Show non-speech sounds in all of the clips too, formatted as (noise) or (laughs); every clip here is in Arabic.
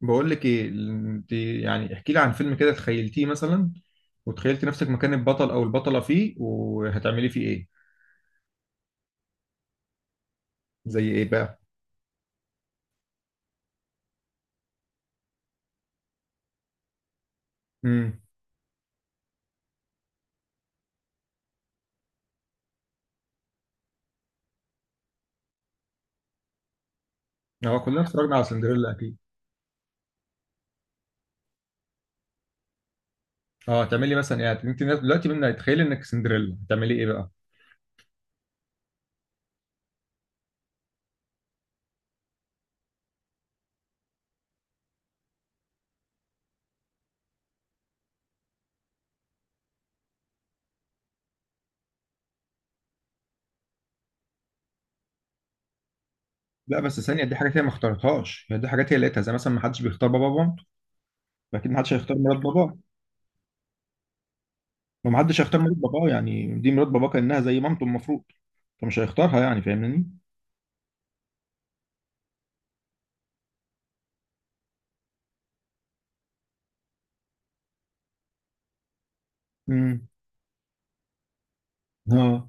بقول لك ايه؟ انت يعني احكي لي عن فيلم كده تخيلتيه مثلا، وتخيلتي نفسك مكان البطل او البطلة فيه، وهتعملي فيه ايه؟ زي ايه بقى؟ امم. اه، كلنا اتفرجنا على سندريلا اكيد. اه، هتعملي مثلا يعني انت دلوقتي منها، تخيلي انك سندريلا هتعملي ايه بقى؟ لا بس ثانية، دي حاجات هي ما اختارتهاش، يعني دي حاجات هي لقيتها، زي مثلا ما حدش بيختار بابا مامته. فاكيد ما حدش هيختار مرات باباه. وما حدش هيختار مرات باباه، يعني دي مرات باباه كأنها زي مامته المفروض. فمش هيختارها، يعني فاهمني. امم. اه،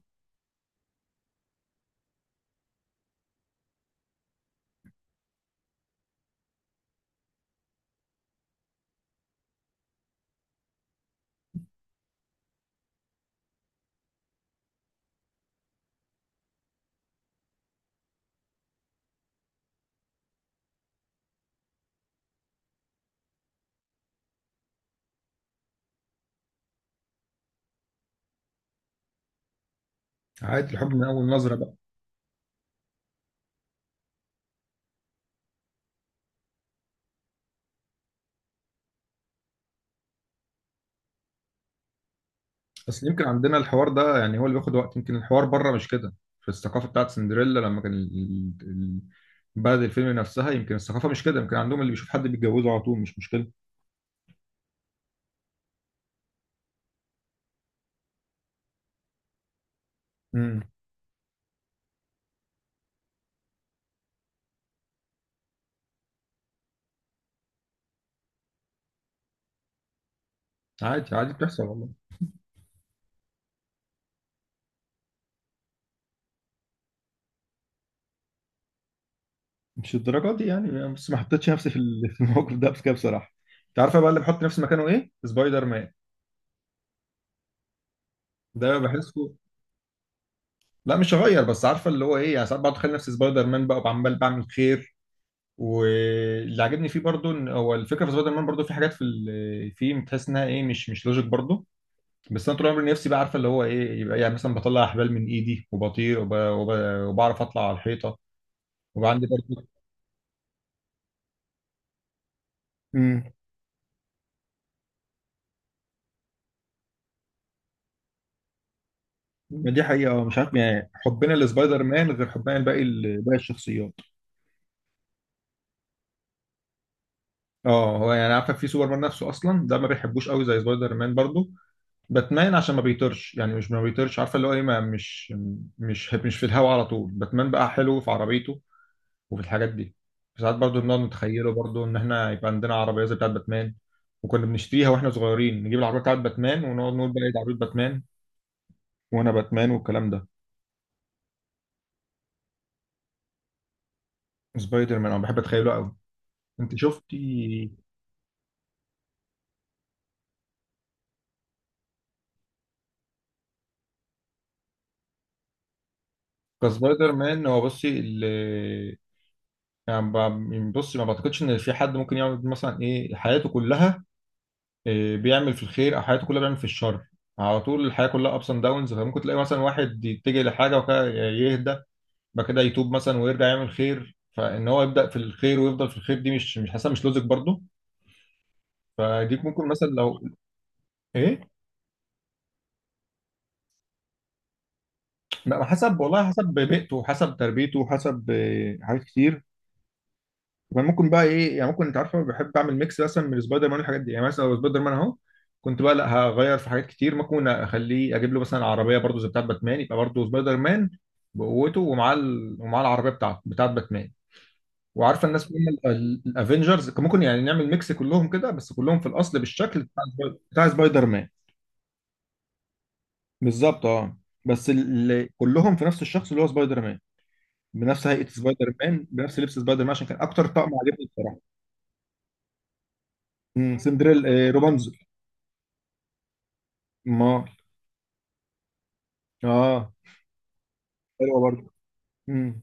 عادي الحب من اول نظرة بقى. بس يمكن عندنا الحوار ده، يعني هو اللي بياخد وقت، يمكن الحوار بره مش كده. في الثقافة بتاعت سندريلا، لما كان بلد الفيلم نفسها، يمكن الثقافة مش كده، يمكن عندهم اللي بيشوف حد بيتجوزه على طول مش مشكلة. امم. عادي، عادي بتحصل والله. مش الدرجة دي يعني، بس ما حطيتش نفسي (laughs) في الموقف ده، بس كده بصراحة. انت عارفة بقى اللي بحط نفسي مكانه ايه؟ سبايدر مان. ده بحسه. لا مش هغير، بس عارفة اللي هو ايه يعني، ساعات بقعد اتخيل نفسي سبايدر مان بقى وعمال بعمل خير. واللي عجبني فيه برضو ان هو الفكره في سبايدر مان، برضو في حاجات فيه، بتحس انها ايه، مش لوجيك برضو. بس انا طول عمري نفسي بقى عارفه اللي هو ايه، يبقى يعني مثلا بطلع احبال من ايدي، وبطير وبعرف اطلع على الحيطه. وبقى عندي برضو. امم دي حقيقه. مش عارف يعني حبنا لسبايدر مان غير حبنا لباقي باقي الشخصيات. اه، هو يعني عارفه في سوبر مان نفسه اصلا ده ما بيحبوش قوي زي سبايدر مان برضو. باتمان عشان ما بيطيرش، يعني مش ما بيطيرش، عارفه اللي هو ايه، ما مش في الهوا على طول. باتمان بقى حلو في عربيته. وفي الحاجات دي. ساعات برضو بنقعد نتخيله برضو، ان احنا يبقى عندنا عربيه زي بتاعه باتمان. وكنا بنشتريها واحنا صغيرين، نجيب العربيه بتاعه باتمان، ونقعد نقول بقى ايه ده عربيه باتمان. وانا باتمان والكلام ده. سبايدر مان انا بحب اتخيله قوي. انت شفتي؟ كسبايدر مان هو بصي ال يعني ب- يعني بصي، ما بعتقدش ان في حد ممكن يعمل مثلا ايه حياته كلها. إيه بيعمل في الخير، او حياته كلها بيعمل في الشر. على طول الحياه كلها ابس اند داونز، فممكن تلاقي مثلا واحد يتجه لحاجه وكده يهدى. بعد كده يتوب مثلا ويرجع يعمل خير، فان هو يبدا في الخير ويفضل في الخير دي مش حاسه مش لوجيك برضه. فدي ممكن مثلا لو ايه. لا حسب والله، حسب بيئته وحسب تربيته وحسب حاجات كتير. ممكن بقى ايه، يعني ممكن انت عارفه بحب اعمل ميكس مثلا من سبايدر مان والحاجات دي، يعني مثلا لو سبايدر مان اهو. كنت بقى، لا هغير في حاجات كتير، ممكن اخليه اجيب له مثلا عربيه برضه زي بتاعت باتمان، يبقى برضه سبايدر مان بقوته ومعاه ومعاه العربيه بتاعته بتاعت باتمان. وعارفه الناس مين؟ الافنجرز ممكن يعني نعمل ميكس كلهم كده، بس كلهم في الاصل بالشكل بتاع سبايدر مان. بالظبط، اه. بس اللي كلهم في نفس الشخص اللي هو سبايدر مان. بنفس هيئه سبايدر مان، بنفس لبس سبايدر مان، عشان كان اكتر طقم عجبني بصراحه. سندريل، روبانزل؟ ما، اه، حلوه برضه. امم.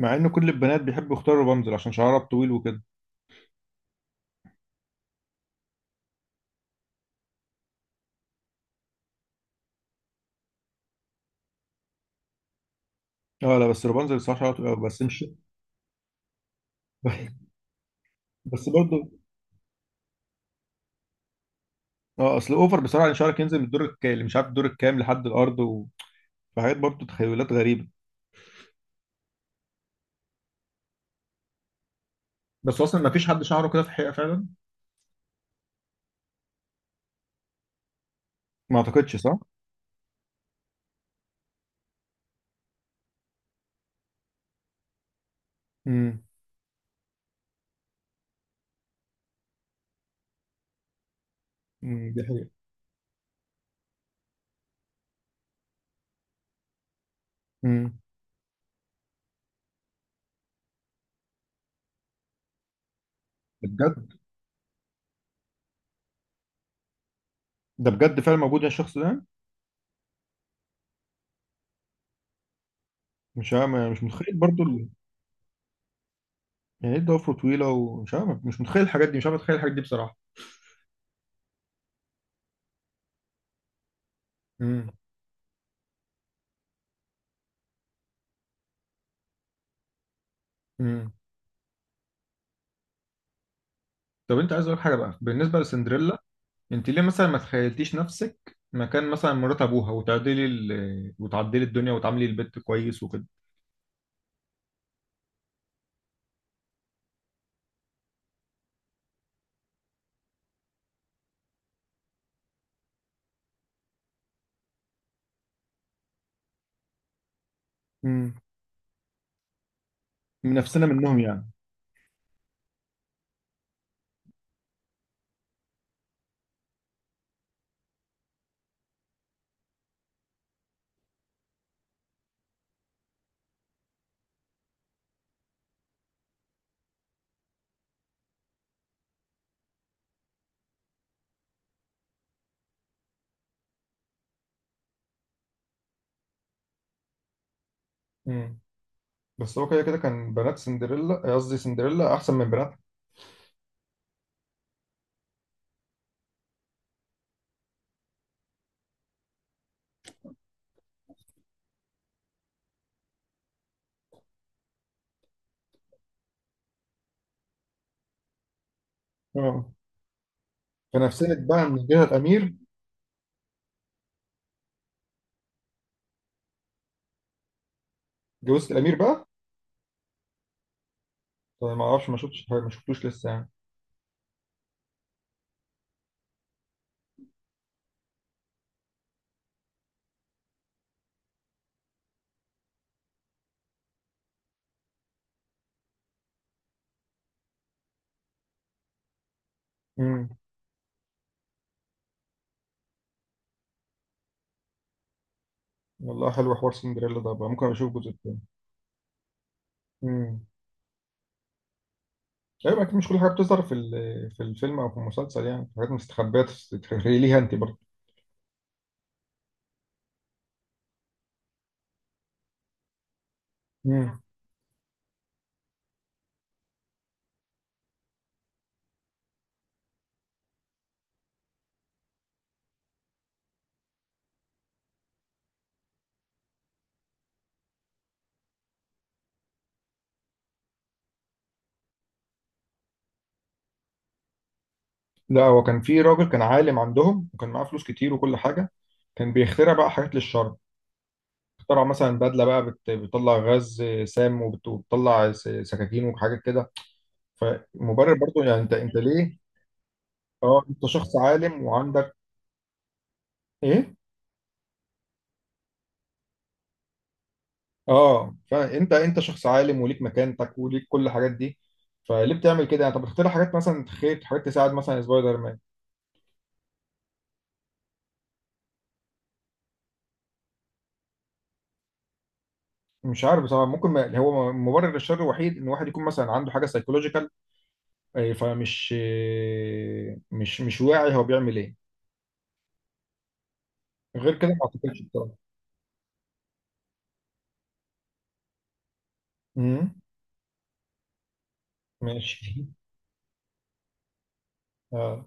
مع ان كل البنات بيحبوا يختاروا روبانزل عشان شعرها طويل وكده. اه، لا بس روبانزل بصراحه شعرها طويل أوي، بس مش. (laughs) بس برضه، اه، اصل اوفر بصراحه ان شعرك ينزل من الدور اللي مش عارف الدور الكام لحد الارض. فحاجات برضه تخيلات غريبة. بس اصلا ما فيش حد شعره كده في الحقيقه فعلا. ما اعتقدش، صح؟ امم دي حقيقه. امم ده بجد. ده بجد فعلا موجود يا الشخص ده؟ مش عارف، مش متخيل برضه. يعني ايه، ضفره طويلة؟ ومش عارف، مش متخيل الحاجات دي، مش عارف اتخيل الحاجات دي بصراحة. امم امم طب انت عايز اقول حاجه بقى بالنسبه لسندريلا. انت ليه مثلا ما تخيلتيش نفسك مكان مثلا مرات ابوها، وتعدلي وتعدلي الدنيا، وتعاملي البيت كويس وكده؟ امم من نفسنا منهم يعني. بس هو كده كده كان بنات سندريلا قصدي سندريلا احسن من بناتها. اه، فنفسنت بقى من جهه الامير. جوزة الامير بقى؟ طيب ما اعرفش، ما شفتش، ما شفتوش لسه يعني. امم والله حلو حوار سندريلا ده، بقى ممكن اشوف جزء تاني. امم. ايوه اكيد مش كل حاجه بتظهر في الفيلم او في المسلسل، يعني في حاجات مستخبيه. تتخيلي ليها انت برضه. امم. لا، هو كان في راجل كان عالم عندهم وكان معاه فلوس كتير وكل حاجه. كان بيخترع بقى حاجات للشر. اخترع مثلا بدله بقى بتطلع غاز سام، وبتطلع سكاكين وحاجات كده. فمبرر برضو، يعني انت ليه؟ اه، انت شخص عالم وعندك. ايه. اه، فانت شخص عالم وليك مكانتك وليك كل الحاجات دي. فليه بتعمل كده؟ يعني طب اختار حاجات مثلا، تخيل حاجات تساعد مثلا سبايدر مان. مش عارف بصراحه، ممكن، ما هو مبرر الشر الوحيد ان واحد يكون مثلا عنده حاجه سايكولوجيكال. فمش آه، مش مش واعي هو بيعمل ايه. غير كده ما اعتقدش بصراحه. امم. ماشي. اه.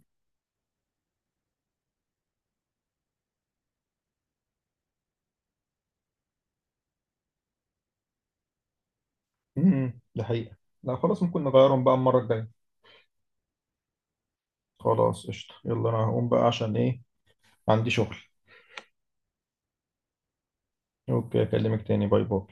ده حقيقه. لا خلاص، ممكن نغيرهم بقى المره الجايه. خلاص قشطة، يلا انا هقوم بقى عشان ايه. عندي شغل. اوكي، اكلمك تاني، باي باي.